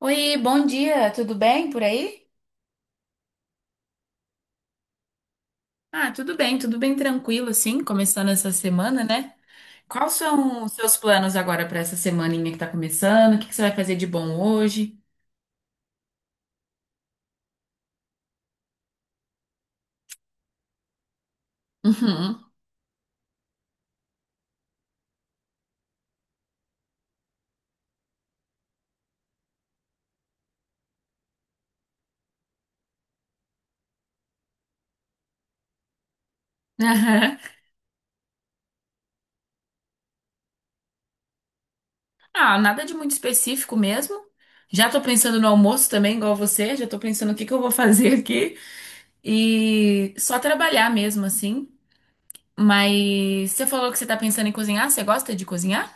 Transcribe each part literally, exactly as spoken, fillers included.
Oi, bom dia, tudo bem por aí? Ah, tudo bem, tudo bem tranquilo, assim, começando essa semana, né? Quais são os seus planos agora para essa semaninha que tá começando? O que que você vai fazer de bom hoje? Uhum. Aham. Ah, nada de muito específico mesmo. Já tô pensando no almoço também, igual você, já tô pensando o que que eu vou fazer aqui. E só trabalhar mesmo, assim. Mas você falou que você tá pensando em cozinhar, você gosta de cozinhar?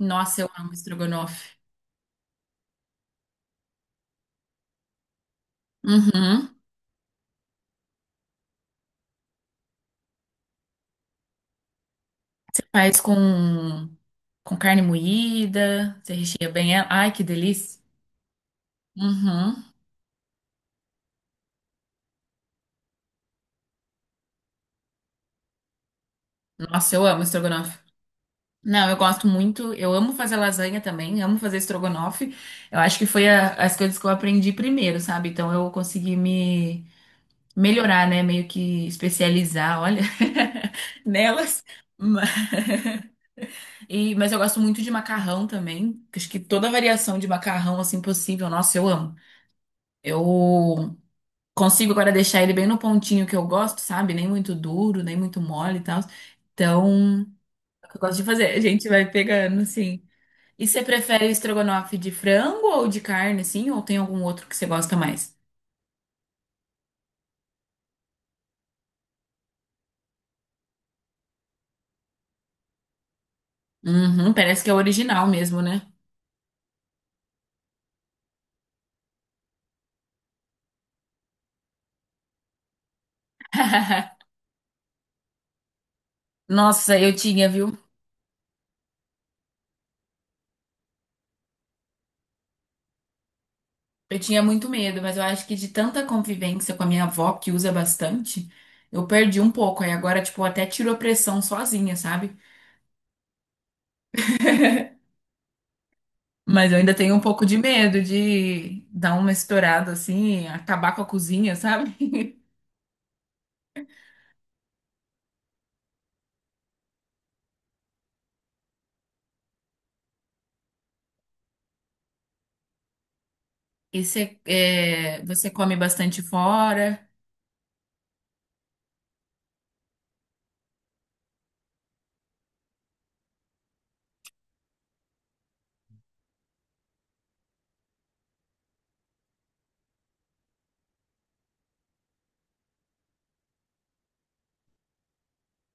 Nossa, eu amo estrogonofe. Uhum. Você faz com, com carne moída, você recheia bem ela. Ai, que delícia. Uhum. Nossa, eu amo estrogonofe. Não, eu gosto muito. Eu amo fazer lasanha também, amo fazer estrogonofe. Eu acho que foi a- as coisas que eu aprendi primeiro, sabe? Então eu consegui me melhorar, né? Meio que especializar, olha, nelas. Ma- E, mas eu gosto muito de macarrão também. Acho que toda variação de macarrão assim possível, nossa, eu amo. Eu consigo agora deixar ele bem no pontinho que eu gosto, sabe? Nem muito duro, nem muito mole e tal. Então, é o que eu gosto de fazer. A gente vai pegando, assim. E você prefere estrogonofe de frango ou de carne, assim? Ou tem algum outro que você gosta mais? Uhum, parece que é o original mesmo, né? Nossa, eu tinha, viu? Eu tinha muito medo, mas eu acho que de tanta convivência com a minha avó, que usa bastante, eu perdi um pouco. Aí agora, tipo, até tirou pressão sozinha, sabe? Mas eu ainda tenho um pouco de medo de dar uma estourada assim, acabar com a cozinha, sabe? E você, é, você come bastante fora,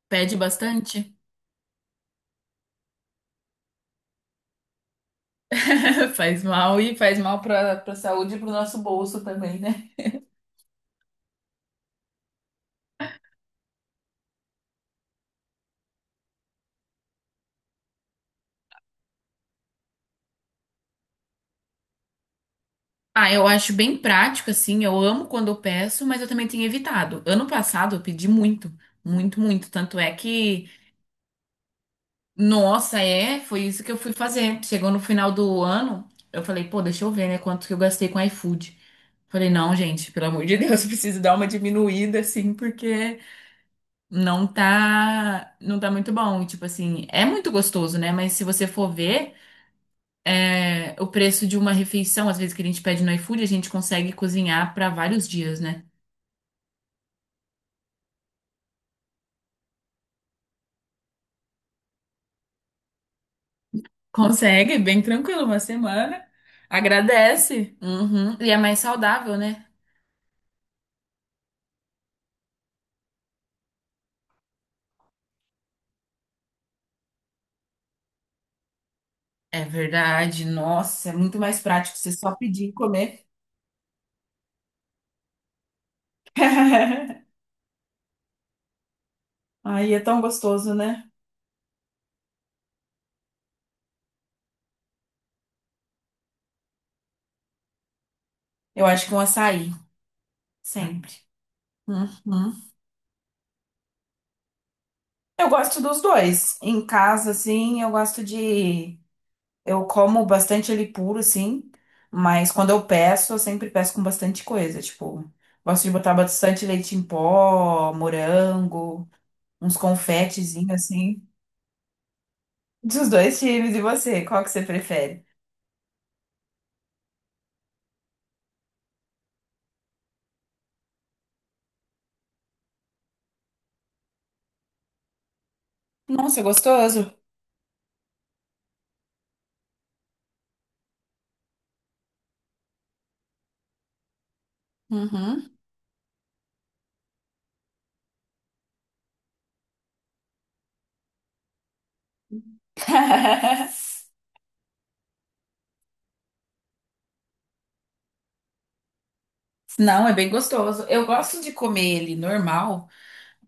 pede bastante, faz mal e faz mal para para saúde e para o nosso bolso também, né? Ah, eu acho bem prático, assim, eu amo quando eu peço, mas eu também tenho evitado. Ano passado eu pedi muito, muito, muito, tanto é que nossa, é, foi isso que eu fui fazer. Chegou no final do ano, eu falei, pô, deixa eu ver, né, quanto que eu gastei com iFood. Falei, não, gente, pelo amor de Deus, eu preciso dar uma diminuída, assim, porque não tá, não tá muito bom. E, tipo assim, é muito gostoso, né? Mas se você for ver, é, o preço de uma refeição, às vezes que a gente pede no iFood, a gente consegue cozinhar pra vários dias, né? Consegue, bem tranquilo, uma semana. Agradece. Uhum. E é mais saudável, né? É verdade, nossa, é muito mais prático você só pedir e comer. Aí é tão gostoso, né? Eu acho que um açaí, sempre. Uhum. Eu gosto dos dois. Em casa, assim, eu gosto de. Eu como bastante ele puro, assim, mas quando eu peço, eu sempre peço com bastante coisa. Tipo, gosto de botar bastante leite em pó, morango, uns confetezinhos, assim, dos dois times. E você, qual que você prefere? Nossa, é gostoso. Uhum. Não, é bem gostoso. Eu gosto de comer ele normal,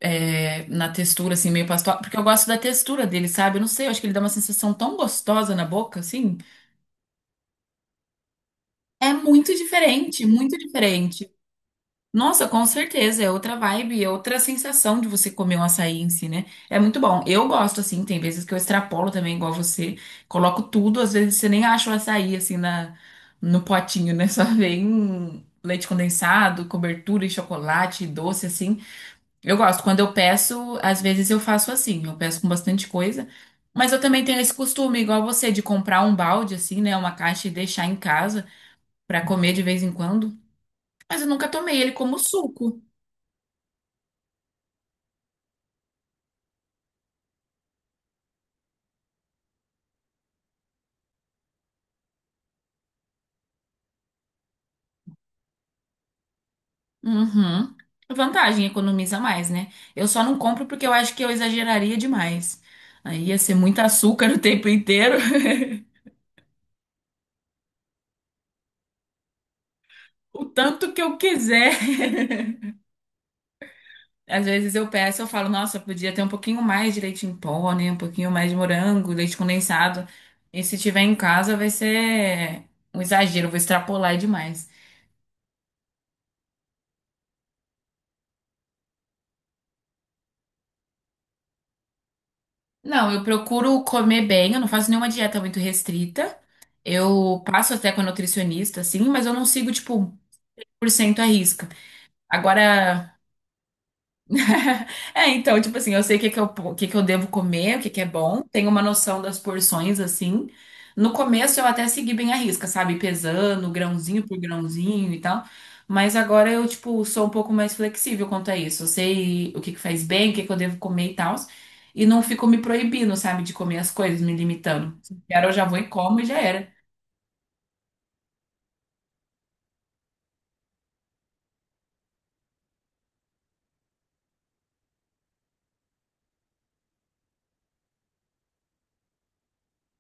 é, na textura, assim, meio pastosa, porque eu gosto da textura dele, sabe? Eu não sei, eu acho que ele dá uma sensação tão gostosa na boca, assim. É muito diferente, muito diferente. Nossa, com certeza, é outra vibe, é outra sensação de você comer um açaí em si, né? É muito bom. Eu gosto, assim, tem vezes que eu extrapolo também, igual você. Coloco tudo, às vezes você nem acha o açaí, assim, na, no potinho, né? Só vem leite condensado, cobertura e chocolate, doce, assim. Eu gosto. Quando eu peço, às vezes eu faço assim, eu peço com bastante coisa. Mas eu também tenho esse costume, igual você, de comprar um balde, assim, né? Uma caixa e deixar em casa pra comer de vez em quando. Mas eu nunca tomei ele como suco. Uhum. Vantagem, economiza mais, né? Eu só não compro porque eu acho que eu exageraria demais. Aí ia ser muito açúcar o tempo inteiro, o tanto que eu quiser. Às vezes eu peço, eu falo, nossa, podia ter um pouquinho mais de leite em pó, né? Um pouquinho mais de morango, leite condensado. E se tiver em casa, vai ser um exagero, eu vou extrapolar demais. Não, eu procuro comer bem, eu não faço nenhuma dieta muito restrita. Eu passo até com a nutricionista, assim, mas eu não sigo, tipo, cem por cento arrisca. Agora, é, então, tipo assim, eu sei o que que eu, o que que eu devo comer, o que que é bom, tenho uma noção das porções, assim. No começo eu até segui bem a risca, sabe? Pesando grãozinho por grãozinho e tal. Mas agora eu, tipo, sou um pouco mais flexível quanto a isso. Eu sei o que que faz bem, o que que eu devo comer e tal. E não fico me proibindo, sabe, de comer as coisas, me limitando. Se quero, eu já vou e como e já era.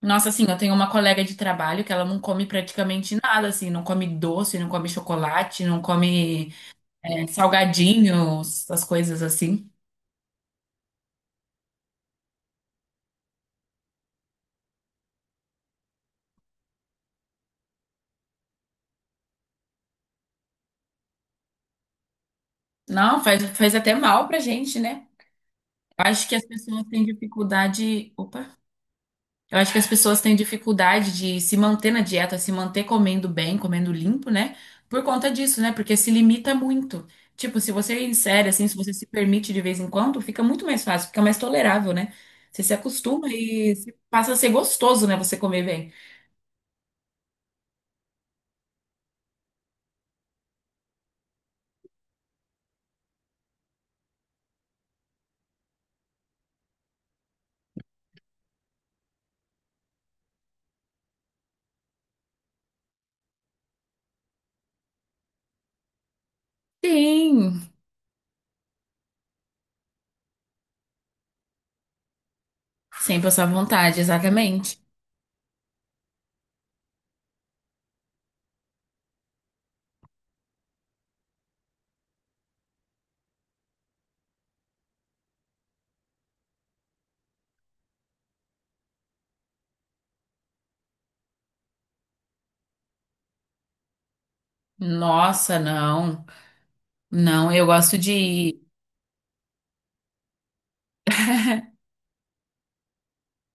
Nossa, assim, eu tenho uma colega de trabalho que ela não come praticamente nada, assim, não come doce, não come chocolate, não come é, salgadinhos, essas coisas assim. Não, faz, faz até mal pra gente, né? Acho que as pessoas têm dificuldade. Opa! Eu acho que as pessoas têm dificuldade de se manter na dieta, se manter comendo bem, comendo limpo, né? Por conta disso, né? Porque se limita muito. Tipo, se você insere, assim, se você se permite de vez em quando, fica muito mais fácil, fica mais tolerável, né? Você se acostuma e se- passa a ser gostoso, né? Você comer bem. Sim, sem passar vontade, exatamente. Nossa, não. Não, eu gosto de.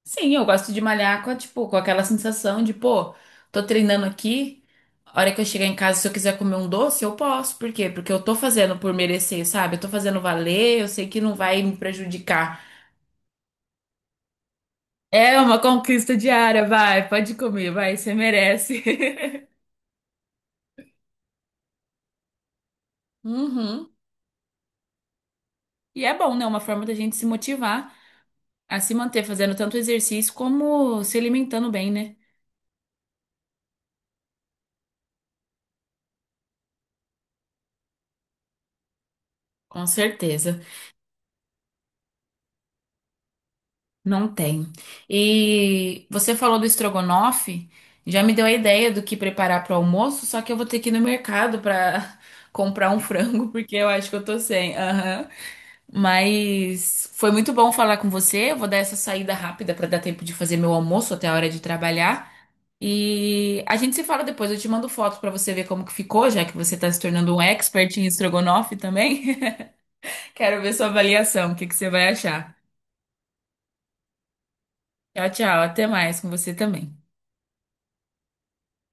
Sim, eu gosto de malhar com, a- tipo, com aquela sensação de, pô, tô treinando aqui, a hora que eu chegar em casa, se eu quiser comer um doce, eu posso. Por quê? Porque eu tô fazendo por merecer, sabe? Eu tô fazendo valer, eu sei que não vai me prejudicar. É uma conquista diária, vai, pode comer, vai, você merece. Uhum. E é bom, né? Uma forma da gente se motivar a se manter fazendo tanto exercício como se alimentando bem, né? Com certeza. Não tem. E você falou do estrogonofe, já me deu a ideia do que preparar para o almoço, só que eu vou ter que ir no mercado para comprar um frango, porque eu acho que eu tô sem. Aham. Mas foi muito bom falar com você. Eu vou dar essa saída rápida para dar tempo de fazer meu almoço até a hora de trabalhar. E a gente se fala depois. Eu te mando foto para você ver como que ficou, já que você tá se tornando um expert em estrogonofe também. Quero ver sua avaliação, o que que você vai achar. Tchau, tchau. Até mais com você também.